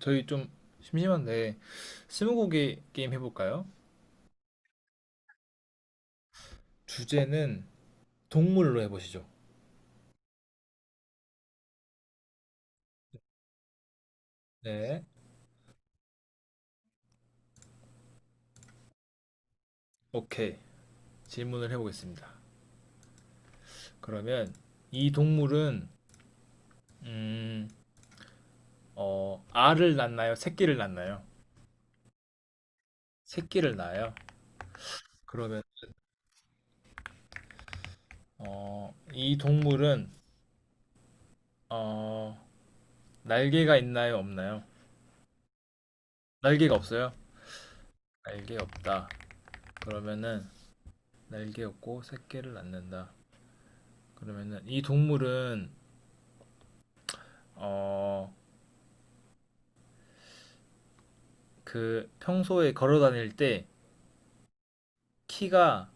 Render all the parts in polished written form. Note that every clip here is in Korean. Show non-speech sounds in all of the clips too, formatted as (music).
저희 좀 심심한데 스무고개 게임 해볼까요? 주제는 동물로 해보시죠. 네, 오케이, 질문을 해보겠습니다. 그러면 이 동물은 음, 알을 낳나요? 새끼를 낳나요? 새끼를 낳아요. 그러면 이 동물은 어, 날개가 있나요? 없나요? 날개가 없어요? 날개 없다. 그러면은 날개 없고 새끼를 낳는다. 그러면은 이 동물은 어, 그 평소에 걸어 다닐 때 키가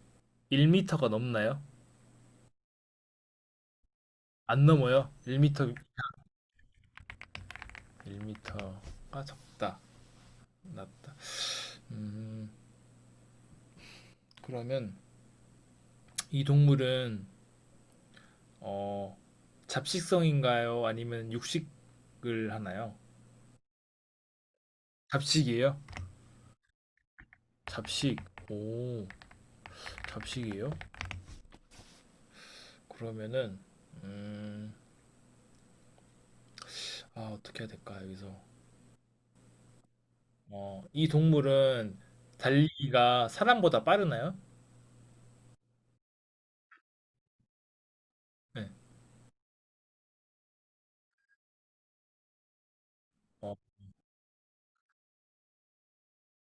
1터가 넘나요? 안 넘어요. 1일1터가 적다. 낮다. 음, 그러면 이 동물은 어, 잡식성인가요? 아니면 육식을 하나요? 잡식이에요? 잡식. 오, 잡식이에요? 그러면은 음, 아, 어떻게 해야 될까? 여기서. 이 동물은 달리기가 사람보다 빠르나요? 네. 어,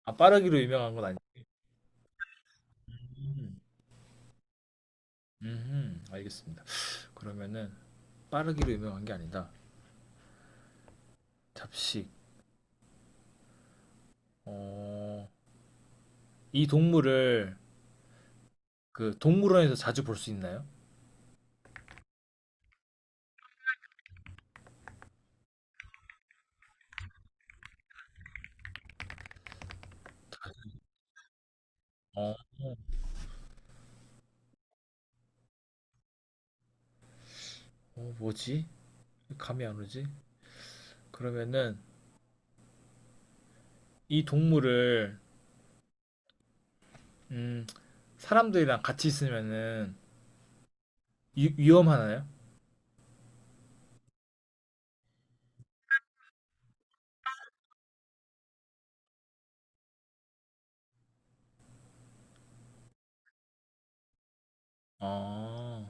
아, 빠르기로 유명한 건. 음. 음, 알겠습니다. 그러면은 빠르기로 유명한 게 아니다. 잡식. 어, 이 동물을 그 동물원에서 자주 볼 수 있나요? 어, 뭐지? 감이 안 오지? 그러면은 이 동물을 음, 사람들이랑 같이 있으면은 위험하나요? 아,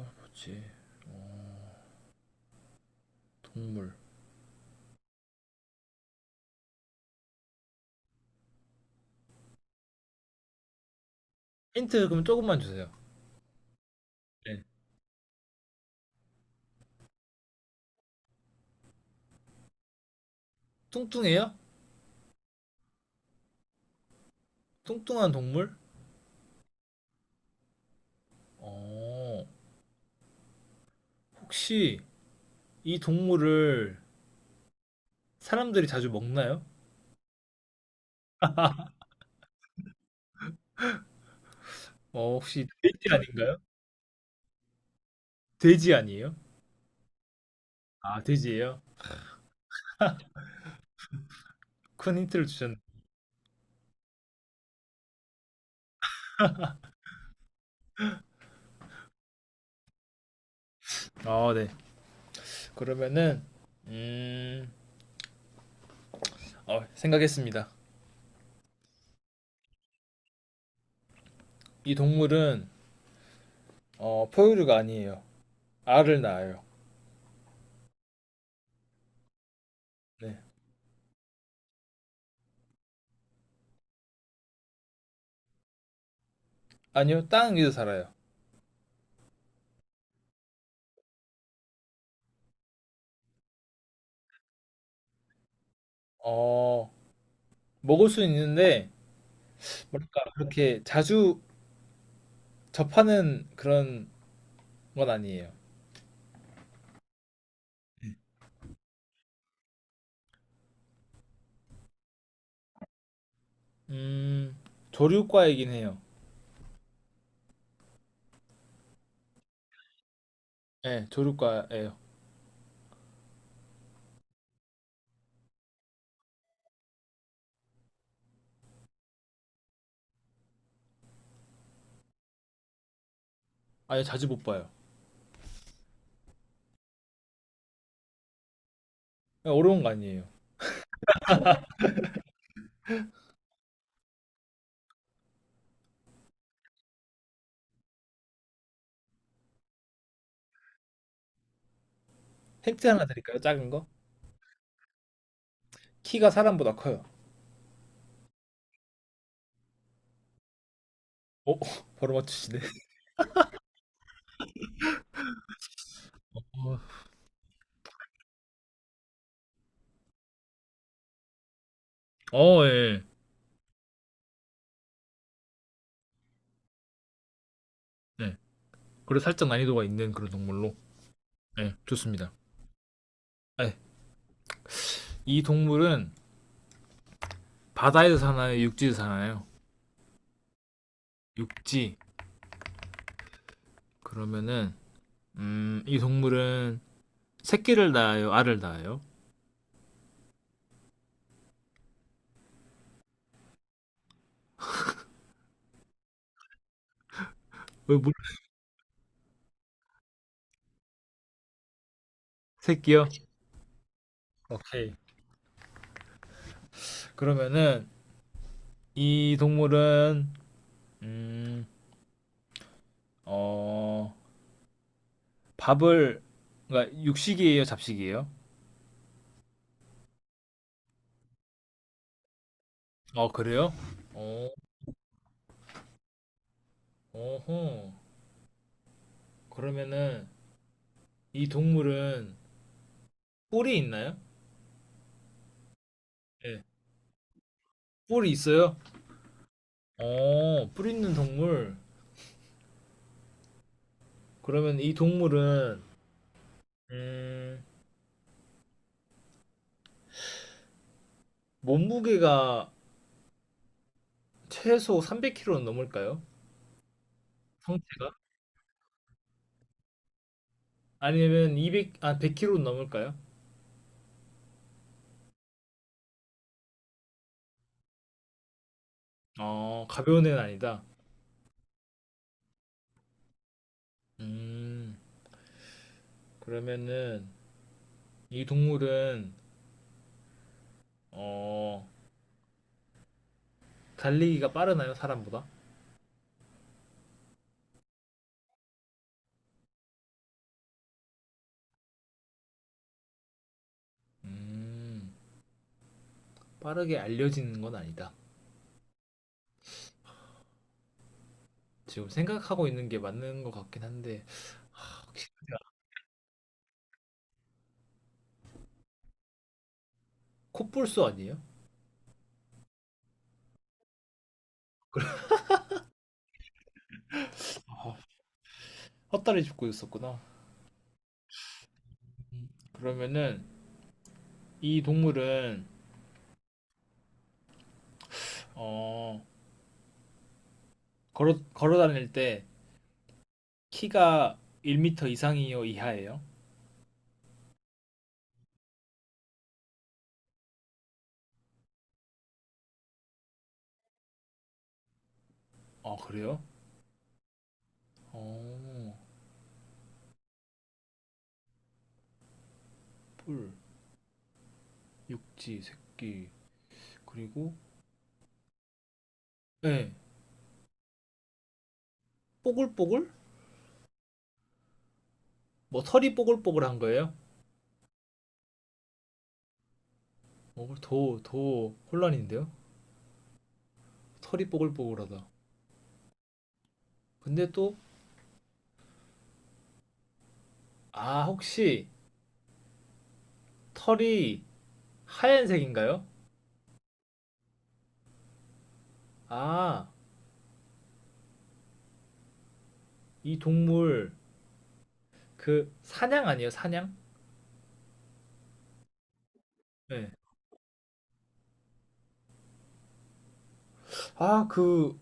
뭐지? 동물. 힌트 그럼 조금만 주세요. 네. 뚱뚱해요? 뚱뚱한 동물? 어, 혹시 이 동물을 사람들이 자주 먹나요? 혹시 돼지 아닌가요? 돼지 아니에요? 아, 돼지예요? 큰 힌트를 주셨네요. 아, 네. 그러면은 음, 생각했습니다. 이 동물은 포유류가 아니에요. 알을 낳아요. 네. 아니요, 땅 위에서 살아요. 어, 먹을 수 있는데 뭐랄까 그렇게 자주 접하는 그런 건 아니에요. 음, 조류과이긴 해요. 네, 조류과예요. 아니, 자주 못 봐요. 네, 어려운 거 아니에요. 힌트 하나 드릴까요? 작은 거? 키가 사람보다 커요. 어? (laughs) 바로 맞추시네. 어, 예, 예. 네. 그래서 살짝 난이도가 있는 그런 동물로. 예, 좋습니다. 아, 예. 이 동물은 바다에서 사나요? 육지에서 사나요? 육지. 그러면은 이 동물은 새끼를 낳아요? 알을 낳아요? 왜, 물, 새끼요? 오케이. 그러면은 이 동물은 음, 어, 밥을, 그러니까 육식이에요? 잡식이에요? 어, 그래요? 어, 어허. 그러면은 이 동물은 뿔이 있나요? 예. 뿔이 있어요? 뿔 있는 동물. 그러면 이 동물은 음, 몸무게가 최소 300kg 넘을까요? 성체가? 아니면 200, 아, 100kg 넘을까요? 어, 가벼운 애는 아니다. 음, 그러면은 이 동물은 어, 달리기가 빠르나요? 사람보다? 음, 빠르게 알려지는 건 아니다. 지금 생각하고 있는 게 맞는 것 같긴 한데, 코뿔소 아니에요? (laughs) 헛다리 짚고 있었구나. 그러면은 이 동물은 어 걸어 다닐 때 키가 1m 이상이요, 이하예요? 아, 그래요? 어, 뿔, 육지, 새끼 그리고 예. 뽀글뽀글? 뭐 털이 뽀글뽀글한 거예요? 어더더 혼란인데요? 털이 뽀글뽀글하다. 근데 또 아, 혹시 털이 하얀색인가요? 아, 이 동물 그 사냥 아니에요, 사냥? 네. 아, 그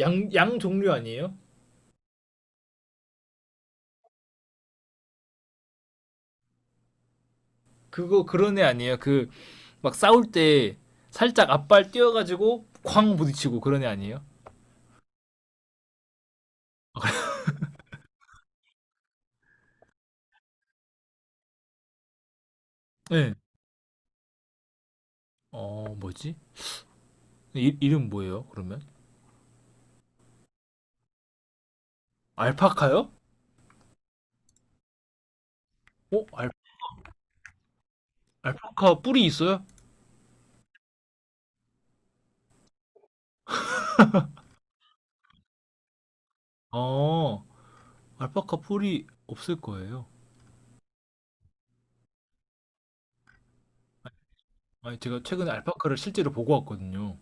양, 양 종류 아니에요? 그거 그런 애 아니에요? 그 막 싸울 때 살짝 앞발 뛰어가지고 쾅 부딪히고 그런 애 아니에요? 네. 어, 뭐지? 이름 뭐예요? 그러면 알파카요? 어 알, 알파카 뿔이 있어요? 어 알파카 뿔이 없을 거예요. 아니 제가 최근에 알파카를 실제로 보고 왔거든요.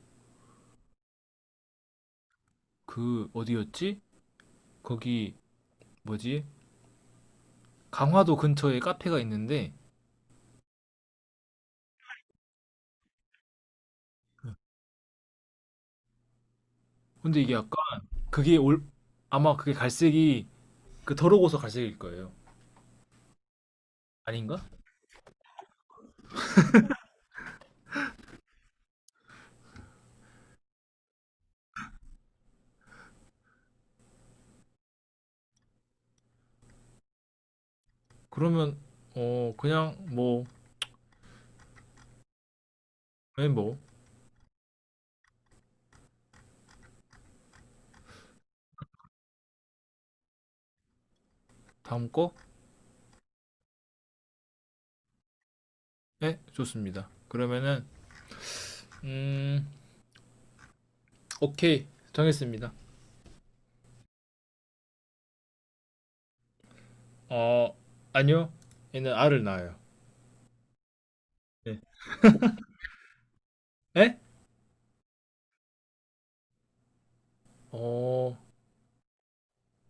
그 어디였지? 거기 뭐지? 강화도 근처에 카페가 있는데 근데 이게 약간 그게 올 아마 그게 갈색이 그 더러고서 갈색일 거예요. 아닌가? 그러면 그냥 뭐. 네, 뭐 다음 거? 네, 좋습니다. 그러면은 음 오케이, 정했습니다. 어 아니요, 얘는 알을 낳아요. 네. 에? 어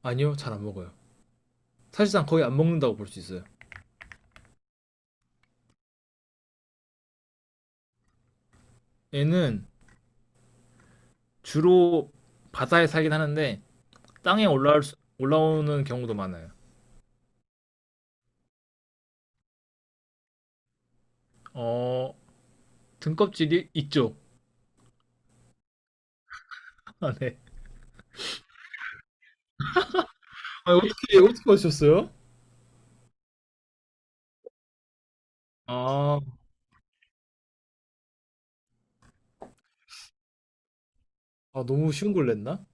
아니요, 잘 안 먹어요. 사실상 거의 안 먹는다고 볼 수 있어요. 얘는 주로 바다에 살긴 하는데 땅에 올라오는 경우도 많아요. 어, 등껍질이 있죠. (laughs) 아, 네. 아, 어떻게 하셨어요? 아, 아, 너무 쉬운 걸 냈나?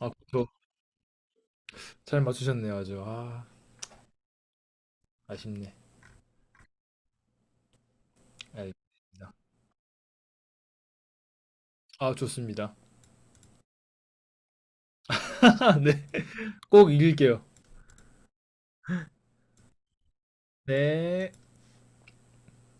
아, 그렇죠. 잘 맞추셨네요, 아주. 아, 아쉽네. 알겠습니다. 아, 좋습니다. (laughs) 네. 꼭 이길게요. 네.